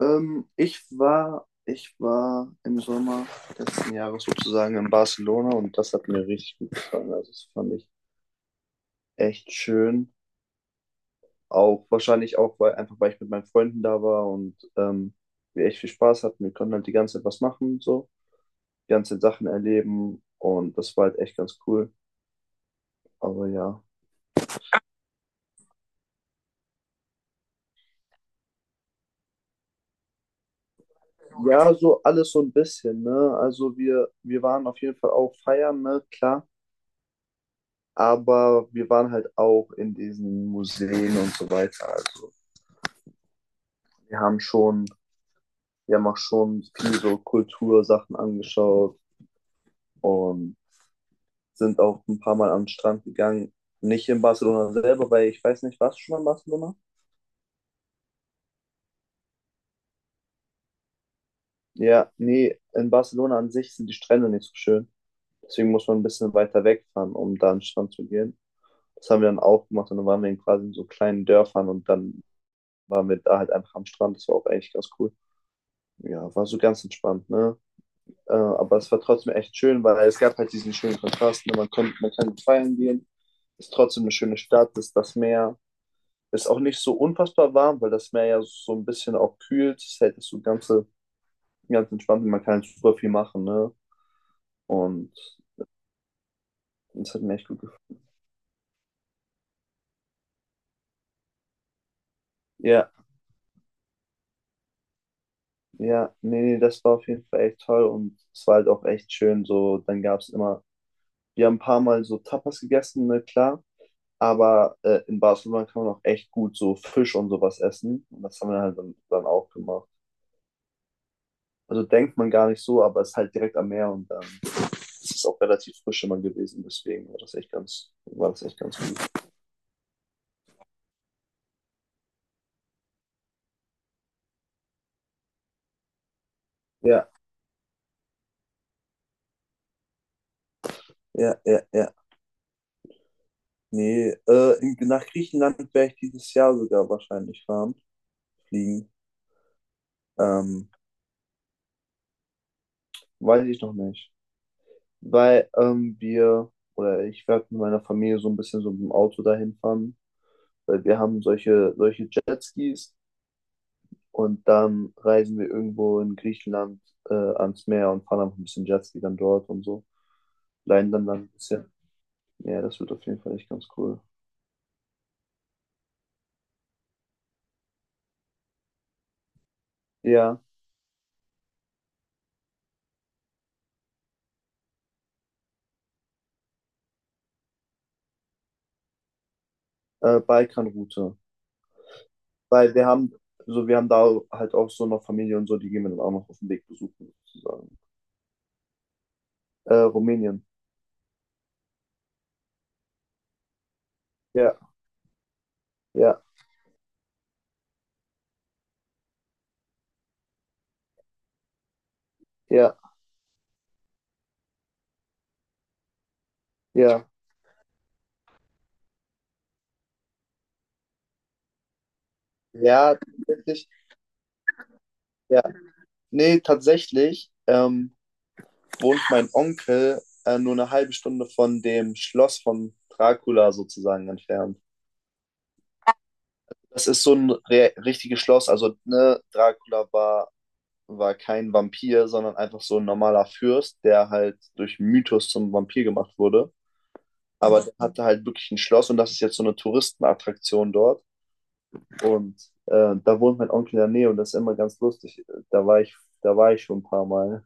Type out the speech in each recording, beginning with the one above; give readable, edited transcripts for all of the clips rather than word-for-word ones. Ich war im Sommer letzten Jahres sozusagen in Barcelona und das hat mir richtig gut gefallen. Also das fand ich echt schön. Auch wahrscheinlich auch, weil einfach weil ich mit meinen Freunden da war und wir echt viel Spaß hatten. Wir konnten halt die ganze Zeit was machen, so, die ganze Zeit Sachen erleben und das war halt echt ganz cool. Aber ja. Ja, so alles so ein bisschen, ne? Also wir waren auf jeden Fall auch feiern, ne? Klar. Aber wir waren halt auch in diesen Museen und so weiter. Also wir haben schon, wir haben auch schon viel so Kultursachen angeschaut und sind auch ein paar Mal am Strand gegangen. Nicht in Barcelona selber, weil ich weiß nicht, warst du schon in Barcelona? Ja, nee, in Barcelona an sich sind die Strände nicht so schön. Deswegen muss man ein bisschen weiter wegfahren, um da an den Strand zu gehen. Das haben wir dann auch gemacht und dann waren wir in quasi in so kleinen Dörfern und dann waren wir da halt einfach am Strand. Das war auch eigentlich ganz cool. Ja, war so ganz entspannt, ne? Aber es war trotzdem echt schön, weil es gab halt diesen schönen Kontrast. Ne? Man kann feiern gehen, ist trotzdem eine schöne Stadt, ist das Meer. Ist auch nicht so unfassbar warm, weil das Meer ja so ein bisschen auch kühlt. Es hält das so ganz entspannt und man kann halt super viel machen. Ne? Und das hat mir echt gut gefallen. Ja, ja, nee, nee, das war auf jeden Fall echt toll und es war halt auch echt schön. So, dann gab es immer, wir haben ein paar Mal so Tapas gegessen, ne, klar. Aber in Barcelona kann man auch echt gut so Fisch und sowas essen. Und das haben wir halt dann auch gemacht. Also denkt man gar nicht so, aber es ist halt direkt am Meer und dann ist es auch relativ frisch immer gewesen. Deswegen war war das echt ganz gut. Ja, ja, ja, ja. Nee, nach Griechenland werde ich dieses Jahr sogar wahrscheinlich fahren, fliegen. Ähm, weiß ich noch nicht. Weil wir, oder ich werde mit meiner Familie so ein bisschen so mit dem Auto dahin fahren, weil wir haben solche Jetskis. Und dann reisen wir irgendwo in Griechenland ans Meer und fahren einfach ein bisschen Jetski dann dort und so. Leiden dann ein bisschen. Ja, das wird auf jeden Fall echt ganz cool. Ja, Balkanroute. Weil wir haben, so wir haben da halt auch so noch Familie und so, die gehen wir dann auch noch auf dem Weg besuchen, sozusagen. Rumänien. Ja, ja, ja, ja. Ja, tatsächlich. Ja. Nee, tatsächlich wohnt mein Onkel nur eine halbe Stunde von dem Schloss von Dracula sozusagen entfernt. Das ist so ein re richtiges Schloss. Also, ne, war kein Vampir, sondern einfach so ein normaler Fürst, der halt durch Mythos zum Vampir gemacht wurde. Aber der hatte halt wirklich ein Schloss und das ist jetzt so eine Touristenattraktion dort. Und da wohnt mein Onkel in der Nähe und das ist immer ganz lustig. Da war ich, da war ich schon ein paar Mal.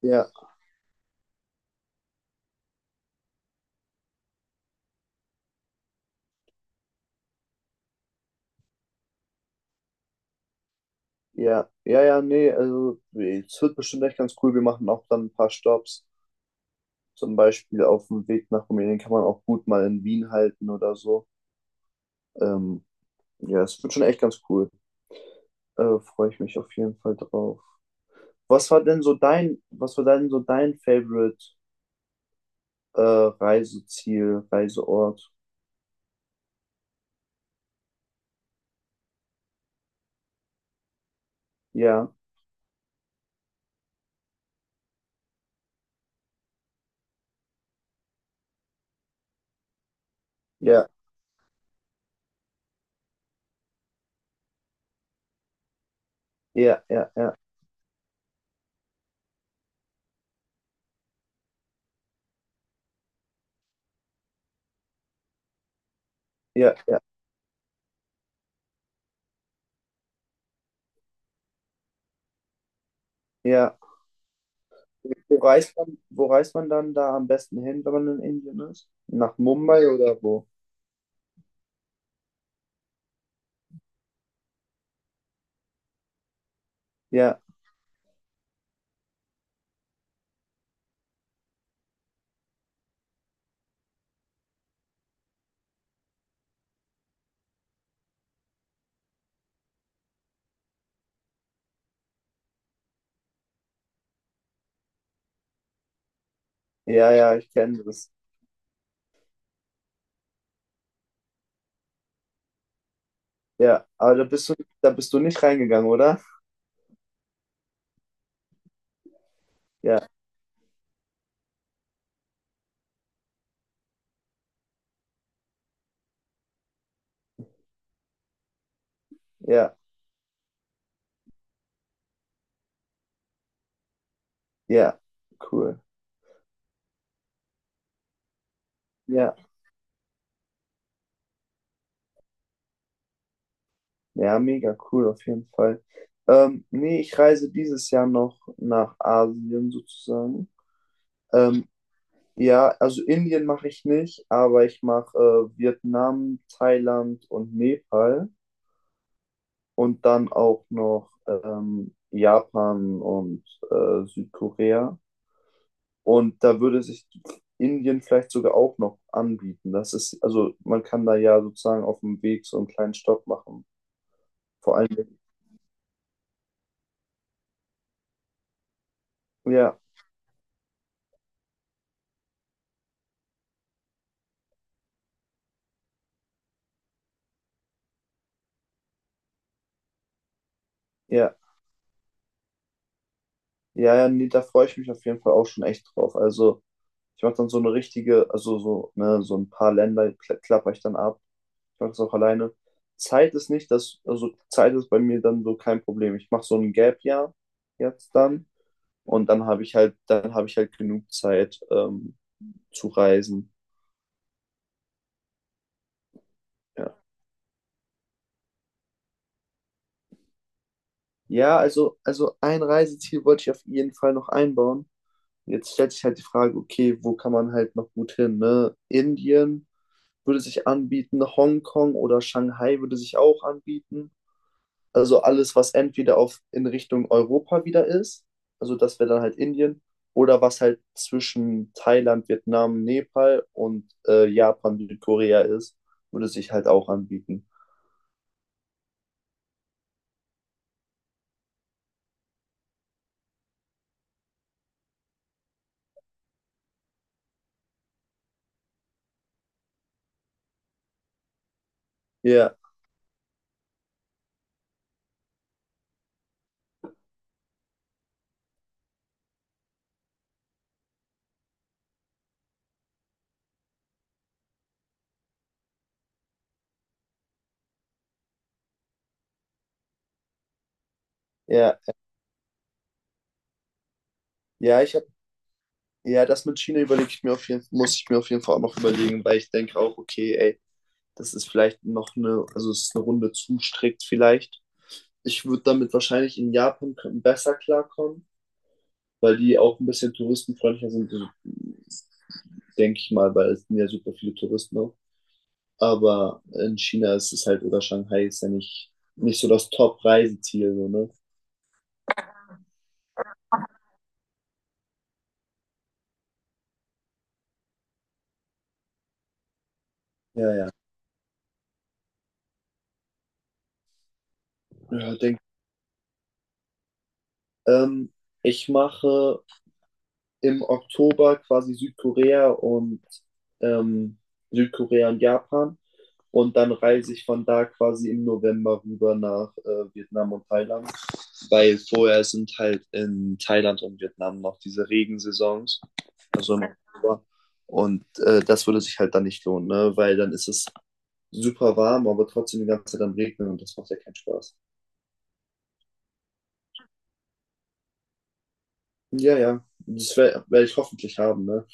Ja, ja, ja, ja, nee, also es wird bestimmt echt ganz cool. Wir machen auch dann ein paar Stops. Zum Beispiel auf dem Weg nach Rumänien kann man auch gut mal in Wien halten oder so. Ähm, Ja, es wird schon echt ganz cool. Freue ich mich auf jeden Fall drauf. Was war denn so dein Favorite Reiseziel, Reiseort? Ja, ja, ja, ja, ja, ja, ja, ja. Wo reist man dann da am besten hin, wenn man in Indien ist? Nach Mumbai oder wo? Ja, ja, ja, ich kenne das. Ja, da bist du nicht reingegangen, oder? Ja, ja, ja, cool. Ja. Ja, mega cool auf jeden Fall. Nee, ich reise dieses Jahr noch nach Asien sozusagen. Ähm, ja, also Indien mache ich nicht, aber ich mache Vietnam, Thailand und Nepal und dann auch noch Japan und Südkorea. Und da würde sich Indien vielleicht sogar auch noch anbieten. Also man kann da ja sozusagen auf dem Weg so einen kleinen Stopp machen. Vor allem, ja, ja. Ja, ja, nee, da freue ich mich auf jeden Fall auch schon echt drauf. Also, ich mache dann so eine richtige, also so, ne, so ein paar Länder klapper ich dann ab. Ich mache das auch alleine. Zeit ist nicht das, also Zeit ist bei mir dann so kein Problem. Ich mache so ein Gap-Jahr jetzt dann und dann habe ich halt genug Zeit zu reisen. Ja, ja, also ein Reiseziel wollte ich auf jeden Fall noch einbauen. Jetzt stellt sich halt die Frage, okay, wo kann man halt noch gut hin, ne? Indien würde sich anbieten, Hongkong oder Shanghai würde sich auch anbieten. Also alles, was entweder auf in Richtung Europa wieder ist, also das wäre dann halt Indien, oder was halt zwischen Thailand, Vietnam, Nepal und Japan, Südkorea ist, würde sich halt auch anbieten. Ja, ja, ja, ja, das mit China überlege ich mir muss ich mir auf jeden Fall auch noch überlegen, weil ich denke auch, okay, ey, das ist vielleicht noch eine, also es ist eine Runde zu strikt vielleicht. Ich würde damit wahrscheinlich in Japan besser klarkommen, weil die auch ein bisschen touristenfreundlicher sind, also, denke ich mal, weil es sind ja super viele Touristen auch. Aber in China ist es halt, oder Shanghai ist ja nicht so das Top-Reiseziel, so, ne? Ja, ja. ja denk, ähm, ich mache im Oktober quasi Südkorea und ähm, Südkorea und Japan. Und dann reise ich von da quasi im November rüber nach Vietnam und Thailand, weil vorher sind halt in Thailand und Vietnam noch diese Regensaisons, also im Oktober. Und das würde sich halt dann nicht lohnen, ne? Weil dann ist es super warm, aber trotzdem die ganze Zeit am Regnen und das macht ja keinen Spaß. Ja, ja, das werd ich hoffentlich haben. Ne?